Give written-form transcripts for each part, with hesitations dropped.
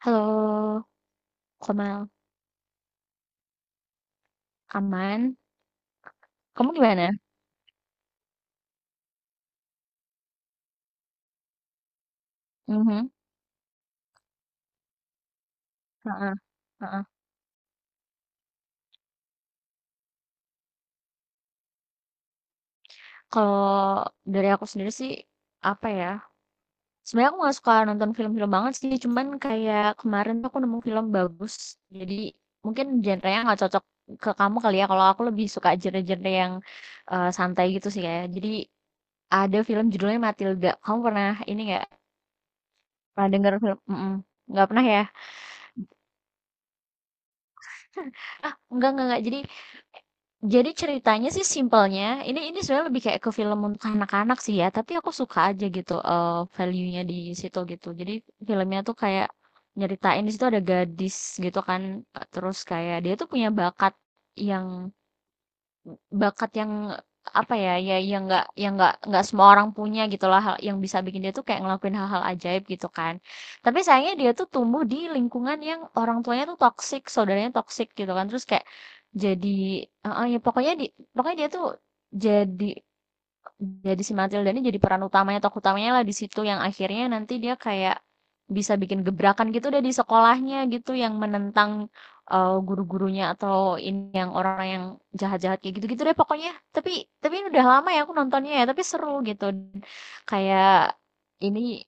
Halo, Komal. Aman? Kamu gimana? Mhm. Heeh. Heeh. Kalau dari aku sendiri sih, apa ya, sebenarnya aku nggak suka nonton film-film banget sih, cuman kayak kemarin tuh aku nemu film bagus, jadi mungkin genre-nya nggak cocok ke kamu kali ya, kalau aku lebih suka genre-genre yang santai gitu sih ya. Jadi ada film judulnya Matilda. Kamu pernah ini nggak? Pernah denger film? Mm-mm. Nggak pernah ya? Ah, enggak, enggak. Jadi ceritanya sih simpelnya, ini sebenarnya lebih kayak ke film untuk anak-anak sih ya, tapi aku suka aja gitu value-nya di situ gitu. Jadi filmnya tuh kayak nyeritain di situ ada gadis gitu kan, terus kayak dia tuh punya bakat yang yang apa ya yang nggak semua orang punya gitulah hal yang bisa bikin dia tuh kayak ngelakuin hal-hal ajaib gitu kan, tapi sayangnya dia tuh tumbuh di lingkungan yang orang tuanya tuh toksik, saudaranya toksik gitu kan, terus kayak jadi ya pokoknya dia tuh jadi jadi si Matilda ini jadi peran utamanya, tokoh utamanya lah di situ yang akhirnya nanti dia kayak bisa bikin gebrakan gitu deh di sekolahnya gitu yang menentang guru-gurunya atau ini yang orang yang jahat-jahat kayak gitu-gitu deh pokoknya. Tapi tapi ini udah lama ya aku nontonnya ya, tapi seru gitu. Kayak ini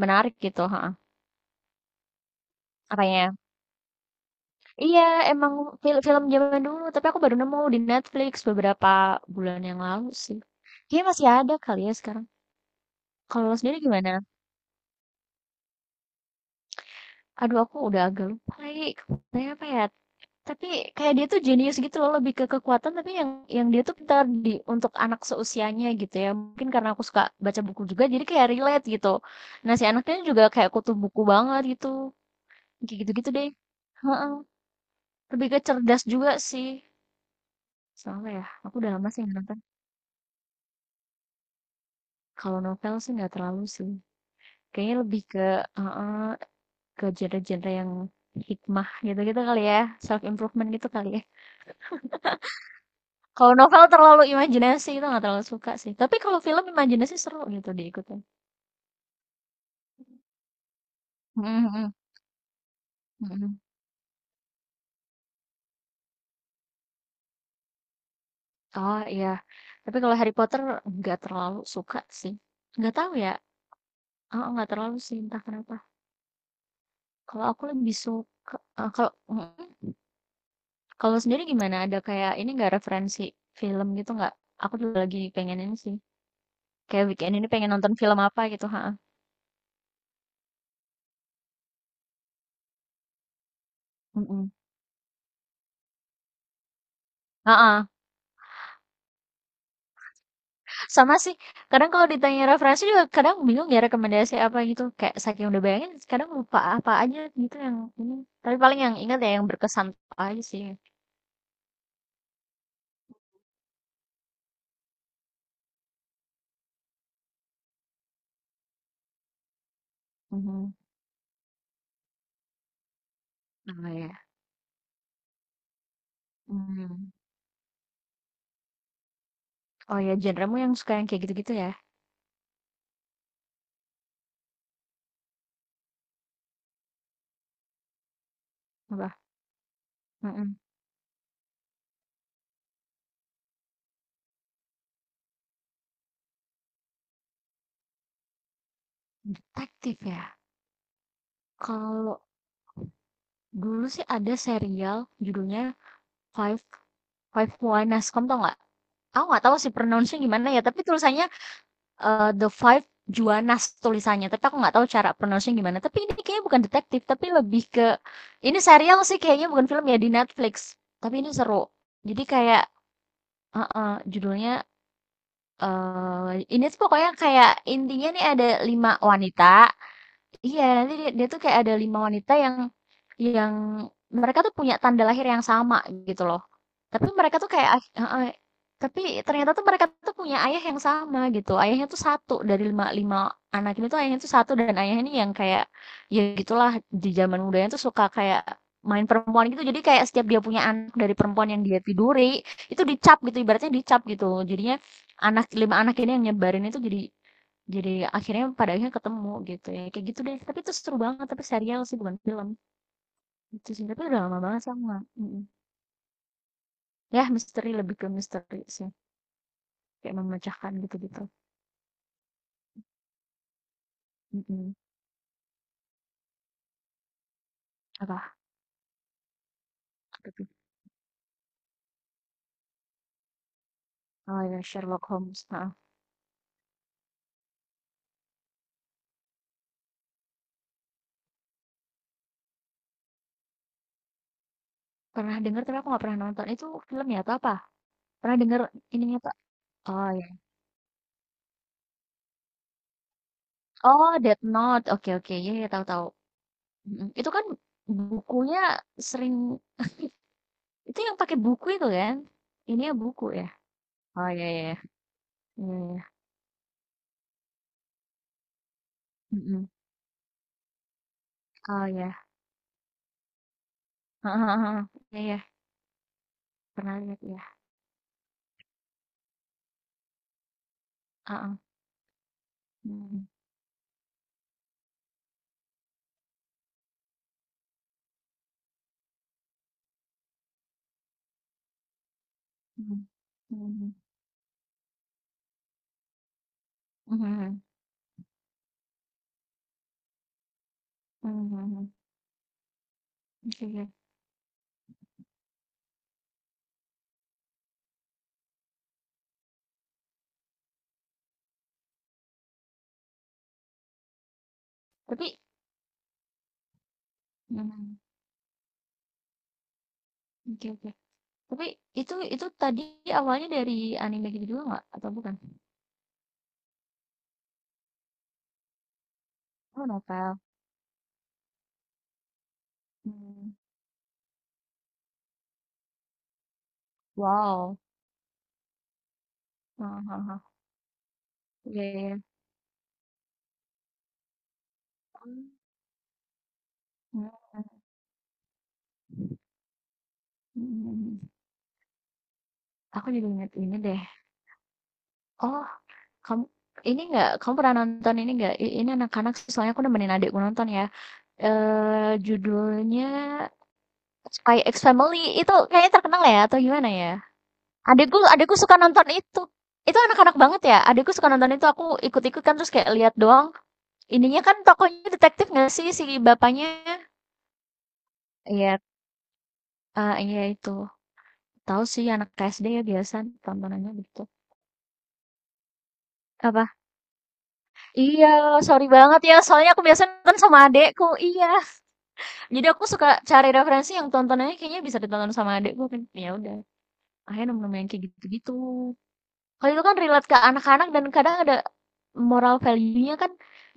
menarik gitu, ha. Apanya? Iya, emang film zaman dulu, tapi aku baru nemu di Netflix beberapa bulan yang lalu sih. Kayaknya masih ada kali ya sekarang. Kalau lo sendiri gimana? Aduh, aku udah agak lupa lagi kekuatannya apa ya, tapi kayak dia tuh jenius gitu loh, lebih ke kekuatan tapi yang dia tuh pintar untuk anak seusianya gitu ya. Mungkin karena aku suka baca buku juga jadi kayak relate gitu. Nah, si anaknya juga kayak kutu buku banget gitu. Kayak gitu-gitu deh. Heeh. Lebih ke cerdas juga sih. Soalnya ya, aku udah lama sih nggak nonton. Kalau novel sih nggak terlalu sih. Kayaknya lebih ke heeh, ke genre-genre yang hikmah gitu-gitu kali ya, self improvement gitu kali ya. Kalau novel terlalu imajinasi itu nggak terlalu suka sih, tapi kalau film imajinasi seru gitu diikutin. Mhm, mhm, mhm. Oh iya, tapi kalau Harry Potter nggak terlalu suka sih, nggak tahu ya, heeh, nggak terlalu sih entah kenapa. Kalau aku lebih suka eee, kalau mhm, kalau sendiri gimana? Ada kayak ini nggak referensi film gitu nggak? Aku juga lagi pengen ini sih, kayak weekend ini pengen nonton film apa gitu, heeh. Mhm. Heeh. Sama sih, kadang kalau ditanya referensi juga kadang bingung ya rekomendasi apa gitu, kayak saking udah bayangin kadang lupa apa aja gitu yang ini. Tapi paling yang ingat ya yang berkesan aja sih. Mhm. Oh ya. Hmm. Oh ya, genremu yang suka yang kayak gitu-gitu ya? Apa? Mm-mm. Detektif ya. Kalau dulu sih ada serial judulnya Five Five Why Nascom, tau nggak? Aku nggak tahu sih pronounce-nya gimana ya, tapi tulisannya The Five Juanas tulisannya, tapi aku nggak tahu cara pronounce gimana. Tapi ini kayaknya bukan detektif, tapi lebih ke ini serial sih kayaknya, bukan film ya, di Netflix. Tapi ini seru. Jadi kayak heeh, judulnya, ini tuh pokoknya kayak intinya nih ada 5 wanita. Iya, nanti dia tuh kayak ada lima wanita yang yang mereka tuh punya tanda lahir yang sama gitu loh. Tapi mereka tuh kayak tapi ternyata tuh mereka tuh punya ayah yang sama gitu. Ayahnya tuh satu dari lima lima anak ini, tuh ayahnya tuh satu, dan ayahnya ini yang kayak ya gitulah di zaman mudanya tuh suka kayak main perempuan gitu. Jadi kayak setiap dia punya anak dari perempuan yang dia tiduri itu dicap gitu, ibaratnya dicap gitu. Jadinya anak lima anak ini yang nyebarin itu, jadi akhirnya pada akhirnya ketemu gitu ya, kayak gitu deh. Tapi itu seru banget, tapi serial sih bukan film, itu sih. Tapi udah lama banget sih aku nggak Ya misteri, lebih ke misteri sih, kayak memecahkan gitu-gitu. Mhm. Apa? Apa tuh? Oh ya, Sherlock Holmes, heeh. Pernah dengar? Tapi aku nggak pernah nonton. Itu film ya atau apa? Pernah dengar ininya pak? Oh ya. Oh, Death Note, oke, oke. Ya, iya, tahu, tahu. Mhm. Itu kan bukunya sering, itu yang pakai buku itu kan? Ininya buku ya? Oh ya, ya, ya. Iya, iya. Mhm. Oh ya. Heeh, heeh, heeh. Iya, iya, pernah lihat ya. Heeh, mhm, mhm, mhm, mhm, mhm, mmm, mhm, mhm, oke, oke. Tapi, mhm, oke, oke. Tapi itu tadi awalnya dari anime gitu juga nggak atau bukan? Oh, novel, hmm, wow, heeh, heeh, heeh, iya, iya, mmm, mhm, mhm, mhm. Aku jadi inget ini deh, oh, kamu kamu pernah nonton ini nggak, ini anak-anak soalnya aku nemenin adikku nonton ya, judulnya Spy X Family, itu kayaknya terkenal ya atau gimana ya? Adekku adekku suka nonton itu. Itu anak-anak banget ya. Adekku suka nonton itu, aku ikut-ikut kan terus kayak lihat doang. Ininya kan tokonya detektif nggak sih si bapaknya? Iya, iya itu. Tahu sih anak SD ya biasa tontonannya gitu. Apa? Iya, sorry banget ya. Soalnya aku biasa nonton sama adekku. Iya. Jadi aku suka cari referensi yang tontonannya kayaknya bisa ditonton sama adekku kan. Ya udah. Akhirnya nemu-nemu yang kayak gitu-gitu. Kalau itu kan relate ke anak-anak, dan kadang ada moral value-nya kan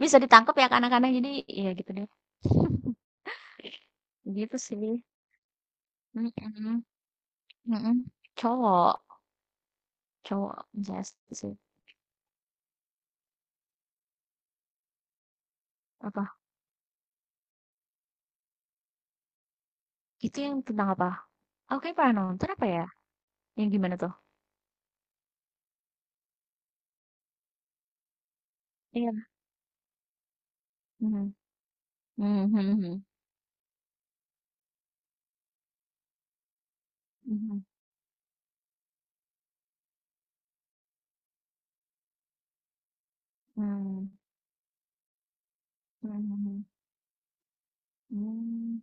bisa ditangkap ya ke anak-anak, jadi ya gitu deh, gitu sih. Mhm, mhm. Cowok. Cowok Jazz sih. Apa? Itu yang tentang apa? Oke, kayaknya pernah nonton apa ya? Yang gimana tuh? Iya, mhm. Mmm, mhm, mhm. Mhm, mmm, mhm, mhm. Mmm.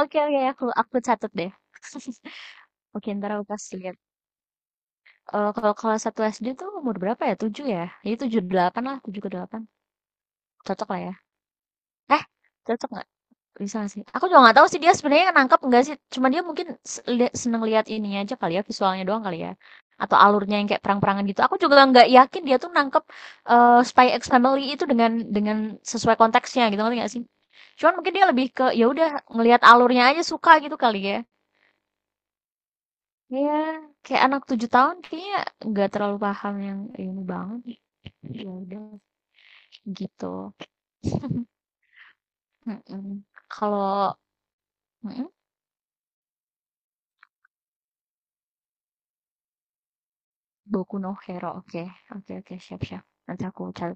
Oke, oke, aku catat deh. Oke, ntar aku kasih lihat. Kalau kalau satu 1 SD tuh umur berapa ya? Tujuh ya? Jadi 7 8 lah, 7 ke 8. Cocok lah ya. Eh, cocok nggak? Bisa sih. Aku juga nggak tahu sih dia sebenarnya nangkep nggak sih. Cuma dia mungkin seneng lihat ininya aja kali ya, visualnya doang kali ya. Atau alurnya yang kayak perang-perangan gitu. Aku juga nggak yakin dia tuh nangkep Spy X Family itu dengan sesuai konteksnya gitu, ngerti nggak sih? Cuman mungkin dia lebih ke ya udah ngelihat alurnya aja suka gitu kali ya. Iya, kayak anak 7 tahun kayaknya nggak terlalu paham yang ini banget. Ya udah gitu. Mm-mm. Kalau mm-mm. Boku no Hero, oke. Oke, oke, siap, siap. Nanti aku cari.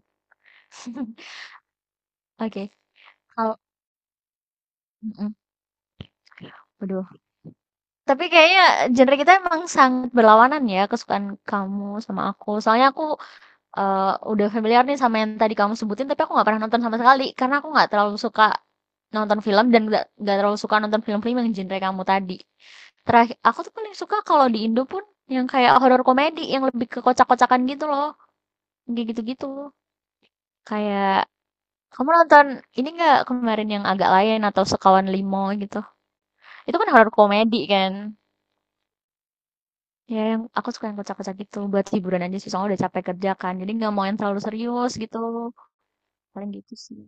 Oke, kalau, mhm. Waduh, tapi kayaknya genre kita emang sangat berlawanan ya, kesukaan kamu sama aku. Soalnya aku, udah familiar nih sama yang tadi kamu sebutin, tapi aku nggak pernah nonton sama sekali. Karena aku nggak terlalu suka nonton film dan nggak terlalu suka nonton film-film yang genre kamu tadi. Terakhir aku tuh paling suka kalau di Indo pun yang kayak horor komedi, yang lebih ke kocak-kocakan gitu loh, kayak gitu-gitu. Kayak, kamu nonton ini nggak kemarin yang agak lain atau Sekawan Limo gitu? Itu kan horor komedi kan? Ya yang aku suka yang kocak-kocak gitu buat hiburan aja sih, soalnya udah capek kerja kan. Jadi nggak mau yang terlalu serius gitu. Paling gitu sih.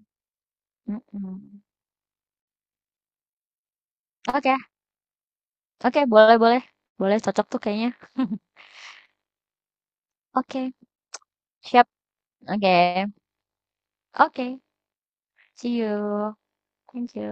Mm-mm. Oke, oke, boleh, boleh. Boleh, cocok tuh kayaknya. Oke, siap. Oke. Oke. See you. Thank you.